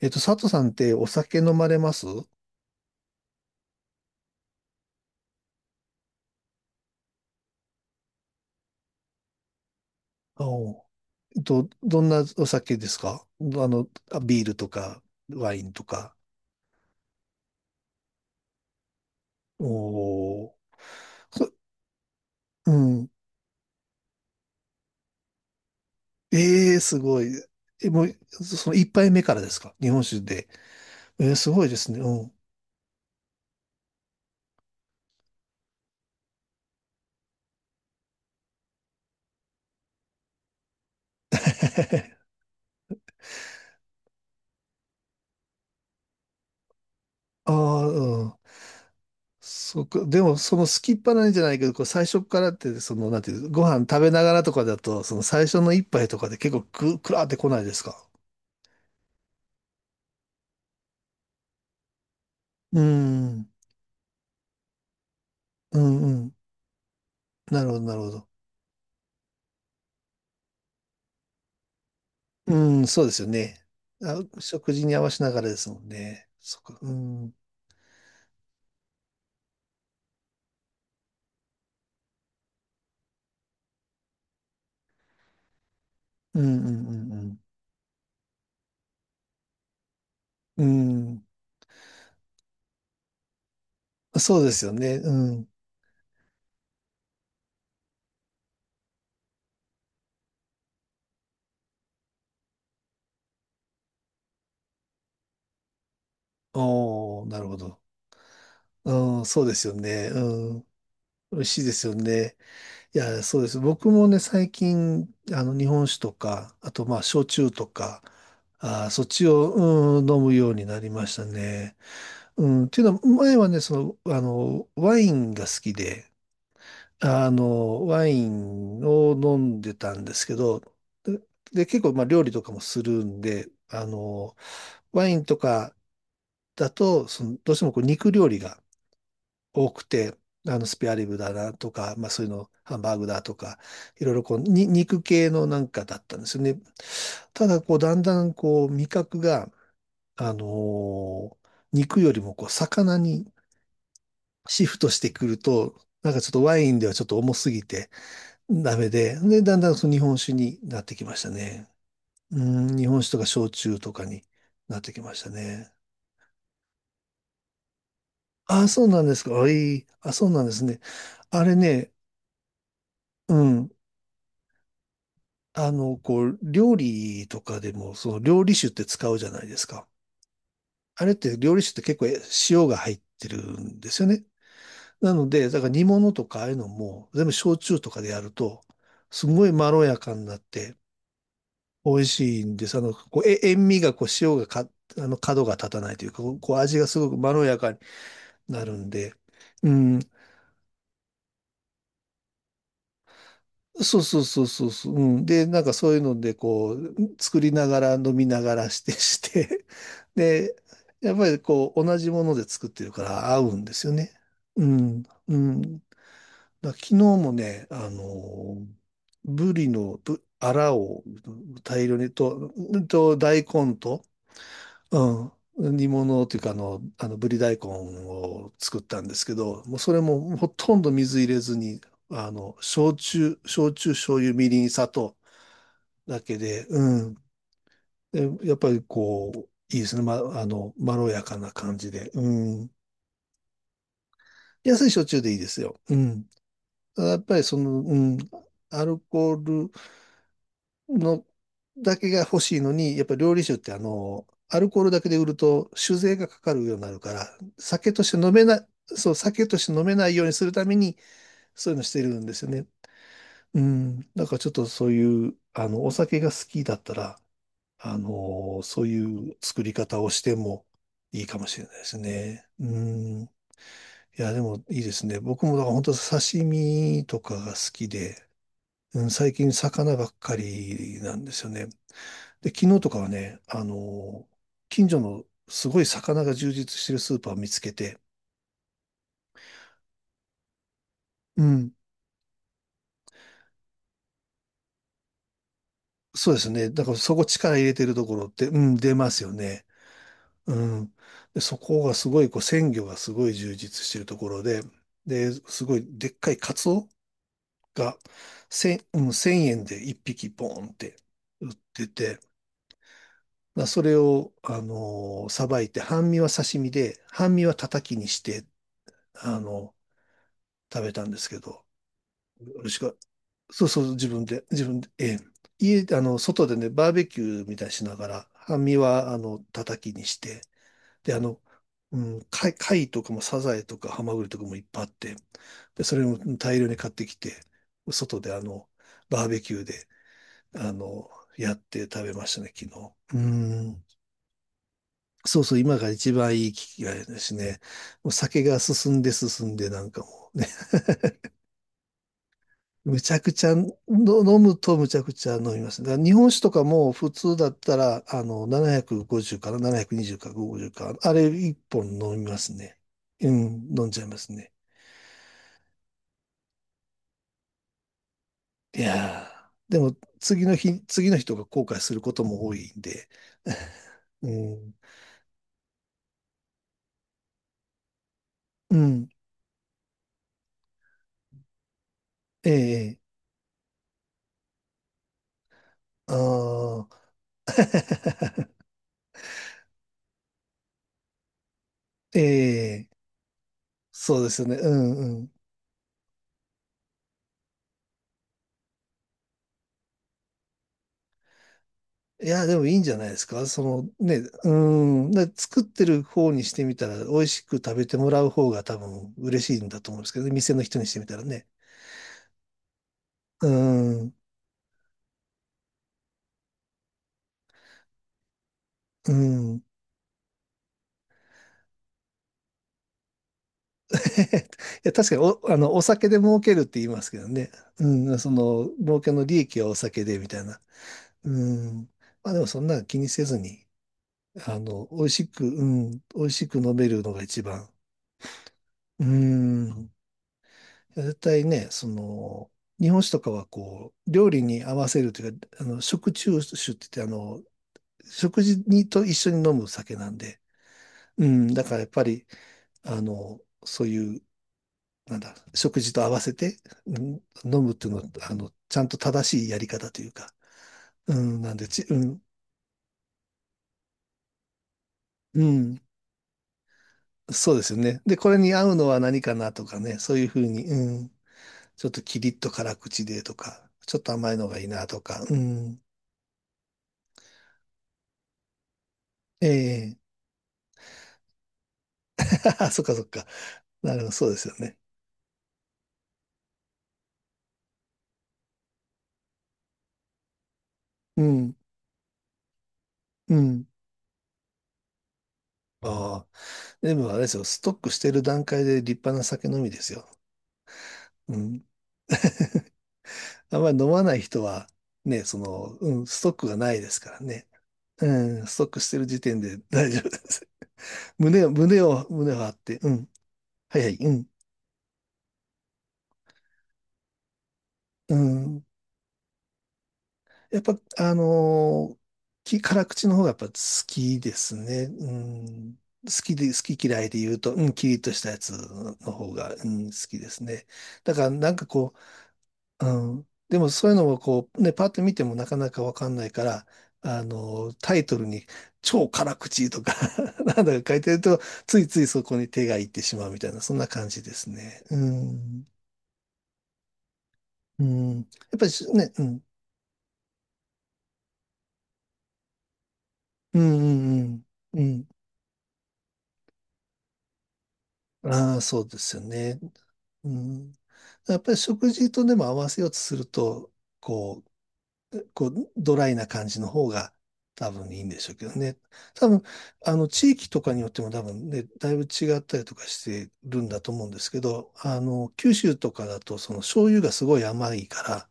佐藤さんってお酒飲まれます？あおどんなお酒ですか？どあの、あビールとか、ワインとか。おー。そうん。ええ、すごい。え、もう、その一杯目からですか、日本酒で。すごいですね。うん。ああ、うん。そっか。でも、その好きっぱなんじゃないけど、こう最初からって、その、なんていう、ご飯食べながらとかだと、その最初の一杯とかで結構くらーってこないですか？うん。うんうん。なるほど、なるほど。うん、そうですよね。あ、食事に合わせながらですもんね。そっか。うん。うん、うん、うん、うん。うん。そうですよね。うん。おー、なるほど。うん、そうですよね。うん。美味しいですよね。いや、そうです。僕もね、最近、日本酒とか、あと、まあ、焼酎とか、あー、そっちを、うん、飲むようになりましたね。うん。っていうのは、前はね、その、ワインが好きで、ワインを飲んでたんですけど、で、で結構まあ料理とかもするんで、ワインとかだと、そのどうしてもこう肉料理が多くて、スペアリブだなとか、まあそういうの、ハンバーグだとか、いろいろこう、に、肉系のなんかだったんですよね。ただ、こう、だんだんこう、味覚が、あの肉よりもこう、魚にシフトしてくると、なんかちょっとワインではちょっと重すぎて、ダメで、で、だんだんその日本酒になってきましたね。うん、日本酒とか焼酎とかになってきましたね。ああ、そうなんですか。あ、いい。あ、そうなんですね。あれね、うん。こう、料理とかでも、その料理酒って使うじゃないですか。あれって料理酒って結構え塩が入ってるんですよね。なので、だから煮物とかああいうのも、全部焼酎とかでやると、すごいまろやかになって、美味しいんです。こう、え、塩味が、こう、塩がか、角が立たないというか、こう、こう味がすごくまろやかになるんで、うん。そうそうそうそうそう、うん。で、なんかそういうので、こう、作りながら飲みながらして、して、で、やっぱりこう、同じもので作ってるから合うんですよね。うん、うん。だから昨日もね、ブリのアラを大量にと大根と、うん。煮物っていうか、ぶり大根を作ったんですけど、もうそれもほとんど水入れずに、焼酎、醤油、みりん、砂糖だけで、うん。でやっぱりこう、いいですね。ま、まろやかな感じで。うん。安い焼酎でいいですよ。うん。ただやっぱりその、うん。アルコールのだけが欲しいのに、やっぱ料理酒ってアルコールだけで売ると酒税がかかるようになるから、酒として飲めない、そう、酒として飲めないようにするために、そういうのしてるんですよね。うん。だからちょっとそういう、お酒が好きだったら、そういう作り方をしてもいいかもしれないですね。うん。いや、でもいいですね。僕もだから本当刺身とかが好きで、うん、最近魚ばっかりなんですよね。で、昨日とかはね、近所のすごい魚が充実してるスーパーを見つけて、うん、そうですね。だからそこ力入れてるところって、うん、出ますよね。うん。で、そこがすごい、こう、鮮魚がすごい充実してるところで、で、すごいでっかいカツオが1000、うん、1円で1匹ボーンって売ってて、まあそれを、さばいて、半身は刺身で、半身は叩きにして、あの食べたんですけど、美味しか、そうそう、自分で、自分で、ええ。家で、外でね、バーベキューみたいにしながら、半身は、叩きにして、で、うん、貝とかもサザエとかハマグリとかもいっぱいあって、で、それも大量に買ってきて、外で、バーベキューで、あの、やって食べましたね、昨日。うん。そうそう、今が一番いい機会ですね。もう酒が進んで進んで、なんかもうねむちゃくちゃの飲むとむちゃくちゃ飲みます。だから日本酒とかも普通だったら、750から720か50か、あれ1本飲みますね。うん、飲んじゃいますね。いやーでも次の日、次の人が後悔することも多いんで。うん、うん、ええああー、ええそうですよね。うん、いや、でもいいんじゃないですか。そのね、うーん、で作ってる方にしてみたら、美味しく食べてもらう方が多分嬉しいんだと思うんですけどね、店の人にしてみたらね。うーん、うーん。いや、確かにお、お酒で儲けるって言いますけどね。うん、その、儲けの利益はお酒で、みたいな。うん。まあでもそんなの気にせずに、美味しく、うん、美味しく飲めるのが一番。うん。絶対ね、その、日本酒とかはこう、料理に合わせるというか、食中酒って言って、食事にと一緒に飲む酒なんで、うん、だからやっぱり、あの、そういう、なんだ、食事と合わせて、うん、飲むっていうのは、ちゃんと正しいやり方というか、うん、なんで、ち、うん、うん、そうですよね。で、これに合うのは何かなとかね、そういうふうに、うん、ちょっとキリッと辛口でとか、ちょっと甘いのがいいなとか、うん、ええあそっかそっか。なるほど、そうですよね。うん、うん。ああ、でもあれですよ、ストックしてる段階で立派な酒飲みですよ。うん。あんまり飲まない人は、ね、その、うん、ストックがないですからね。うん、ストックしてる時点で大丈夫です。胸を、胸を、胸を張って、うん。はいはい、うん。うんやっぱ、辛口の方がやっぱ好きですね。うん、好きで、好き嫌いで言うと、うん、キリッとしたやつの方が、うん、好きですね。だからなんかこう、うん、でもそういうのをこう、ね、パッと見てもなかなかわかんないから、タイトルに超辛口とか なんだか書いてると、ついついそこに手がいってしまうみたいな、そんな感じですね。うん、うん、やっぱりしね、うん、うん、うん、うん。うんああ、そうですよね。うん。やっぱり食事とでも合わせようとすると、こう、こう、ドライな感じの方が多分いいんでしょうけどね。多分、地域とかによっても多分ね、だいぶ違ったりとかしてるんだと思うんですけど、九州とかだと、その醤油がすごい甘いから、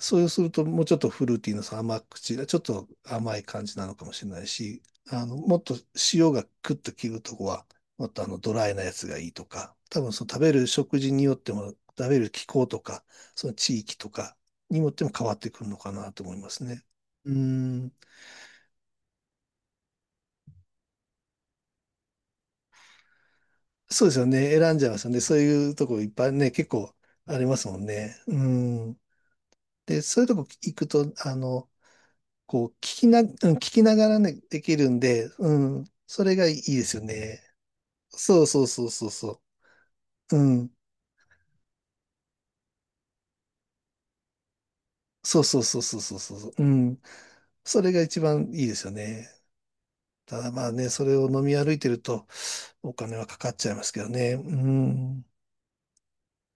そうすると、もうちょっとフルーティーなさ、その甘口が、ちょっと甘い感じなのかもしれないし、もっと塩がクッと切るとこは、もっとドライなやつがいいとか、多分その食べる食事によっても、食べる気候とか、その地域とかによっても変わってくるのかなと思いますね。うーん、そうですよね。選んじゃいますよね。そういうとこいっぱいね、結構ありますもんね。うーん。で、そういうとこ行くと、こう、聞きな、うん聞きながらね、できるんで、うん、それがいいですよね。そうそうそうそうそう。うん。そうそうそうそうそうそうそう。うん。それが一番いいですよね。ただまあね、それを飲み歩いてるとお金はかかっちゃいますけどね。うん。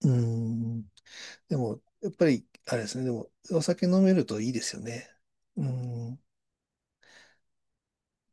うん。でも、やっぱり、あれですね。でも、お酒飲めるといいですよね。うん。